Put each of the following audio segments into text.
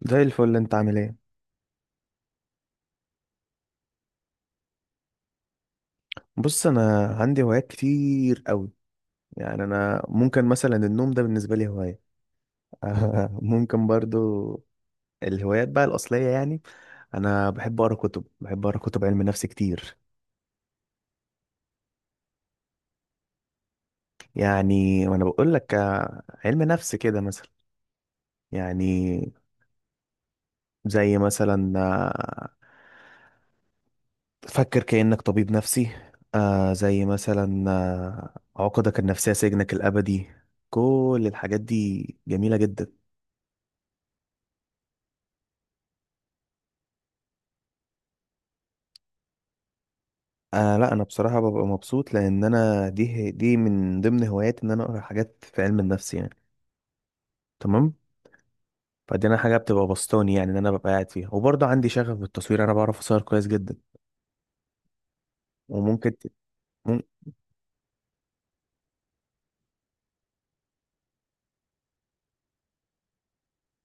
زي الفل، انت عامل ايه؟ بص، انا عندي هوايات كتير قوي. يعني انا ممكن مثلا النوم ده بالنسبه لي هوايه. ممكن برضو. الهوايات بقى الاصليه، يعني انا بحب اقرا كتب، بحب اقرا كتب علم نفس كتير. يعني وانا بقول لك علم نفس كده مثلا. يعني زي مثلا فكر كأنك طبيب نفسي. آه زي مثلا عقدك النفسيه سجنك الابدي. كل الحاجات دي جميله جدا. آه لا، انا بصراحه ببقى مبسوط، لان انا دي من ضمن هواياتي ان انا اقرا حاجات في علم النفس، يعني. تمام. فدي انا حاجه بتبقى بسطاني يعني، ان انا ببقى قاعد فيها. وبرضه عندي شغف بالتصوير، انا بعرف اصور كويس جدا. وممكن ت- مم...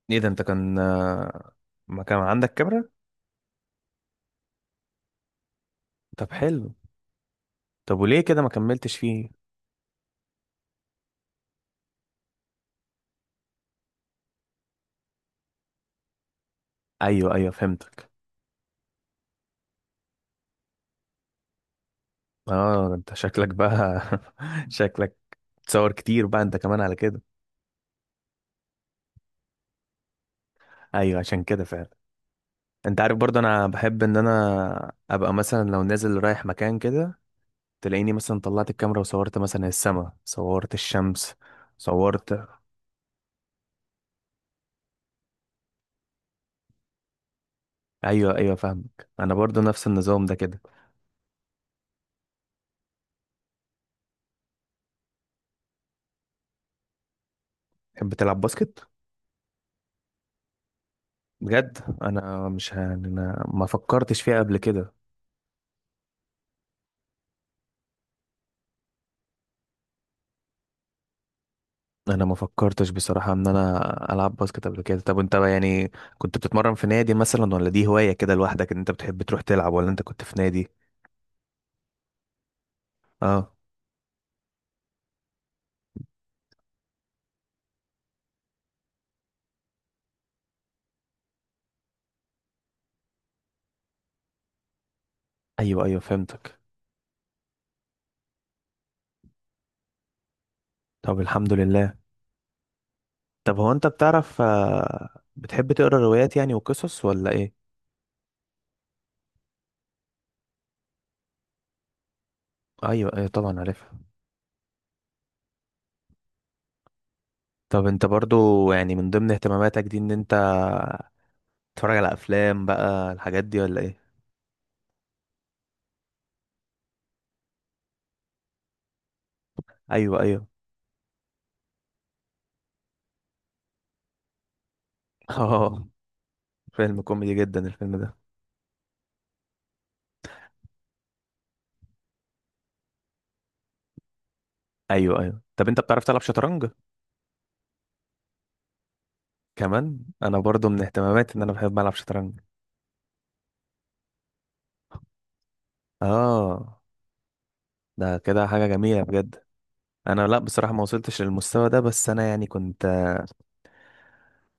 ايه ده، انت كان ما كان عندك كاميرا؟ طب حلو. طب وليه كده ما كملتش فيه؟ ايوه ايوه، فهمتك. اه ده انت شكلك بقى شكلك تصور كتير بقى انت كمان على كده. ايوه عشان كده فعلا. انت عارف برضه انا بحب ان انا ابقى مثلا لو نازل رايح مكان كده، تلاقيني مثلا طلعت الكاميرا وصورت مثلا السماء، صورت الشمس، صورت. ايوه ايوه، فاهمك، انا برضه نفس النظام ده كده. تحب تلعب باسكت؟ بجد، انا مش ه... انا ما فكرتش فيها قبل كده. انا ما فكرتش بصراحة ان انا العب باسكت قبل كده. طب انت بقى يعني كنت بتتمرن في نادي مثلا، ولا دي هواية كده لوحدك ان انت بتحب تروح تلعب، ولا انت كنت في نادي؟ اه. ايوه ايوه، فهمتك. طب الحمد لله. طب هو انت بتعرف بتحب تقرا روايات يعني وقصص، ولا ايه؟ ايوه ايوه طبعا، عارفها. طب انت برضو يعني من ضمن اهتماماتك دي ان انت تتفرج على افلام بقى، الحاجات دي ولا ايه؟ ايوه ايوه. اه، فيلم كوميدي جدا الفيلم ده. ايوه ايوه. طب انت بتعرف تلعب شطرنج؟ كمان انا برضو من اهتماماتي ان انا بحب العب شطرنج. اه ده كده حاجة جميلة بجد. انا لا بصراحة، ما وصلتش للمستوى ده، بس انا يعني كنت،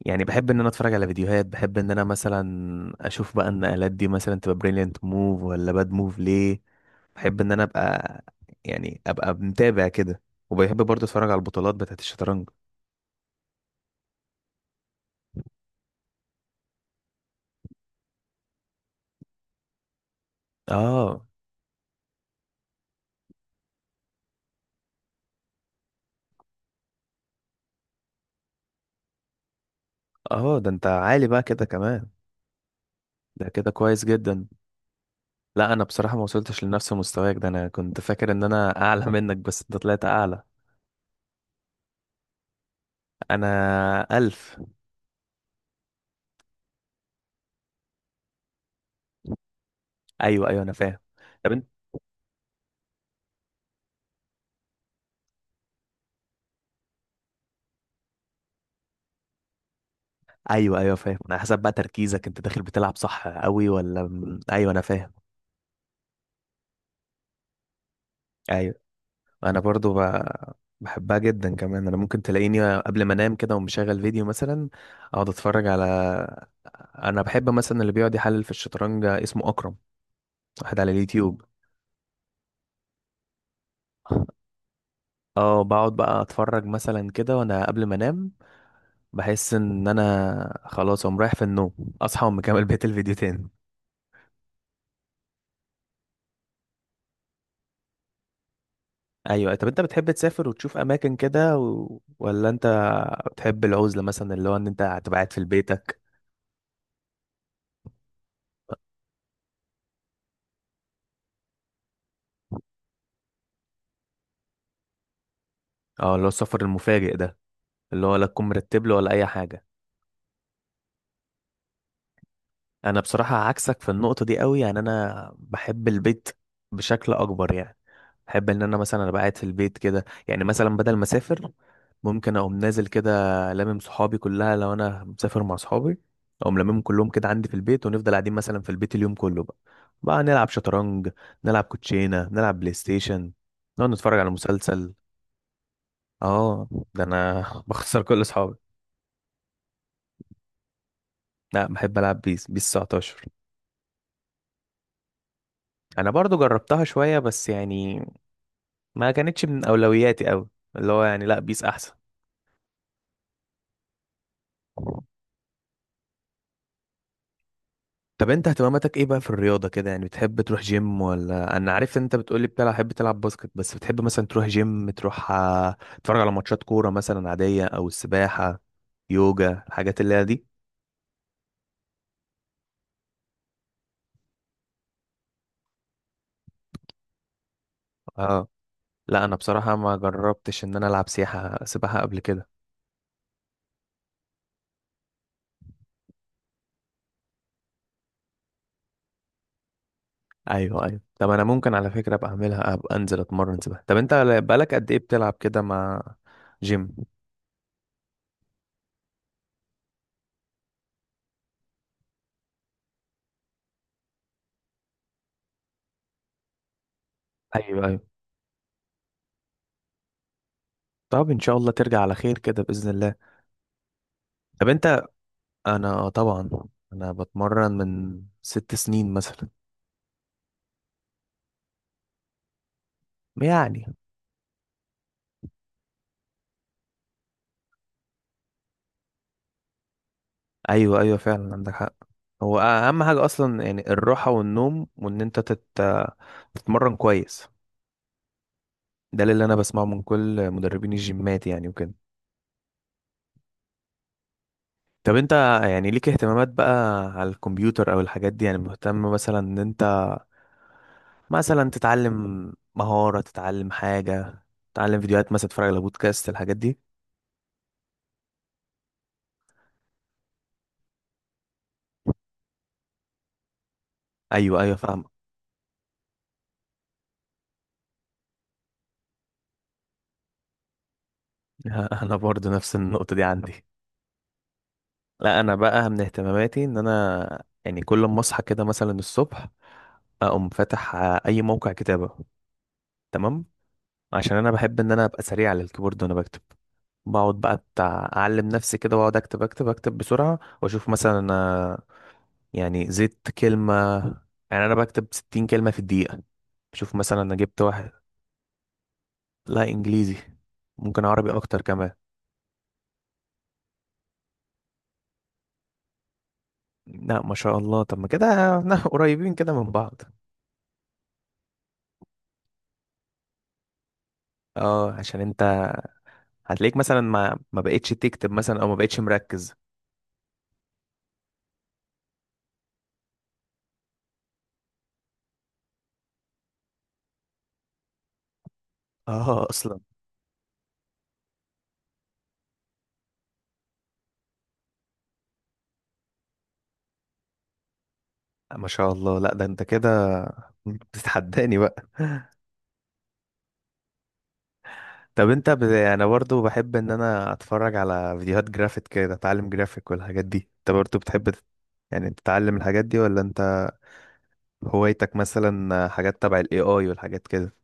يعني بحب ان انا اتفرج على فيديوهات، بحب ان انا مثلا اشوف بقى النقلات دي مثلا، تبقى بريليانت موف ولا باد موف ليه. بحب ان انا ابقى، يعني ابقى متابع كده. وبحب برضه اتفرج على البطولات بتاعت الشطرنج. اه. اه ده انت عالي بقى كده كمان. ده كده كويس جدا. لا انا بصراحة ما وصلتش لنفس مستواك ده، انا كنت فاكر ان انا اعلى منك، بس انت طلعت اعلى. انا الف. ايوه ايوه، انا فاهم. طب انت. ايوه ايوه، فاهم، انا حسب بقى تركيزك انت داخل بتلعب صح قوي ولا ايوه انا فاهم. ايوه. انا برضو ب... بحبها جدا كمان. انا ممكن تلاقيني قبل ما انام كده ومشغل فيديو مثلا، اقعد اتفرج على، انا بحب مثلا اللي بيقعد يحلل في الشطرنج اسمه اكرم، واحد على اليوتيوب. اه بقعد بقى اتفرج مثلا كده وانا قبل ما انام، بحس ان انا خلاص اقوم رايح في النوم، اصحى واقوم مكمل بقية الفيديو تاني. ايوه. طب انت بتحب تسافر وتشوف اماكن كده ولا انت بتحب العزله مثلا، اللي هو ان انت هتبقى قاعد في بيتك؟ اه اللي هو السفر المفاجئ ده، اللي هو لا تكون مرتب له ولا اي حاجه. انا بصراحه عكسك في النقطه دي قوي، يعني انا بحب البيت بشكل اكبر يعني. بحب ان انا مثلا ابقى قاعد في البيت كده، يعني مثلا بدل ما اسافر، ممكن اقوم نازل كده لامم صحابي كلها. لو انا مسافر مع صحابي، اقوم لاممهم كلهم كده عندي في البيت، ونفضل قاعدين مثلا في البيت اليوم كله. بقى نلعب شطرنج، نلعب كوتشينه، نلعب بلاي ستيشن، نقعد نتفرج على مسلسل. اه ده انا بخسر كل اصحابي. لا، بحب العب بيس، بيس 19. انا برضو جربتها شوية، بس يعني ما كانتش من اولوياتي قوي. اللي هو يعني لا، بيس احسن. طب انت اهتماماتك ايه بقى في الرياضة كده؟ يعني بتحب تروح جيم، ولا، انا عارف ان انت بتقولي بتلعب، بتحب تلعب باسكت، بس بتحب مثلا تروح جيم، تروح تتفرج على ماتشات كورة مثلا عادية، او السباحة، يوجا، الحاجات اللي هي دي؟ اه. لا انا بصراحة ما جربتش ان انا العب سياحة، سباحة قبل كده. ايوه ايوه. طب انا ممكن على فكرة ابقى اعملها، ابقى انزل اتمرن سباحة. طب انت بقالك قد ايه بتلعب كده مع جيم؟ ايوه ايوه. طب ان شاء الله ترجع على خير كده باذن الله. طب انت. انا آه طبعا، انا بتمرن من ست سنين مثلا. يعني. ايوه ايوه فعلا، عندك حق. هو اهم حاجه اصلا، يعني الراحه والنوم، وان انت تتمرن كويس. ده اللي انا بسمعه من كل مدربين الجيمات يعني وكده. طب انت يعني ليك اهتمامات بقى على الكمبيوتر او الحاجات دي؟ يعني مهتم مثلا ان انت مثلا تتعلم مهاره، تتعلم حاجه، تتعلم فيديوهات، مثلا تتفرج على بودكاست، الحاجات دي؟ ايوه ايوه فاهم. انا برضو نفس النقطه دي عندي. لا انا بقى من اهتماماتي ان انا يعني كل ما اصحى كده مثلا الصبح، اقوم فاتح اي موقع كتابه. تمام. عشان انا بحب ان انا ابقى سريع على الكيبورد وانا بكتب. بقعد بقى بتاع اعلم نفسي كده، واقعد اكتب اكتب اكتب بسرعه، واشوف مثلا انا يعني زدت كلمه. يعني انا بكتب 60 كلمه في الدقيقه. شوف مثلا انا جبت واحد. لا، انجليزي. ممكن عربي اكتر كمان. لا ما شاء الله. طب ما كده احنا قريبين كده من بعض. اه عشان انت هتلاقيك مثلا ما بقتش تكتب مثلا، او ما بقتش مركز. اه اصلا. ما شاء الله. لا ده انت كده بتتحداني بقى. انا برضو بحب ان انا اتفرج على فيديوهات جرافيك كده، اتعلم جرافيك والحاجات دي. انت برضو بتحب تت- يعني تتعلم الحاجات دي، ولا انت هوايتك مثلا حاجات تبع الاي اي والحاجات كده؟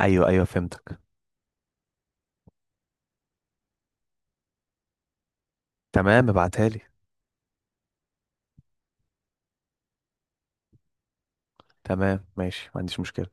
ايوه ايوه، فهمتك. تمام، ابعتها لي. تمام ماشي، ما عنديش مشكلة.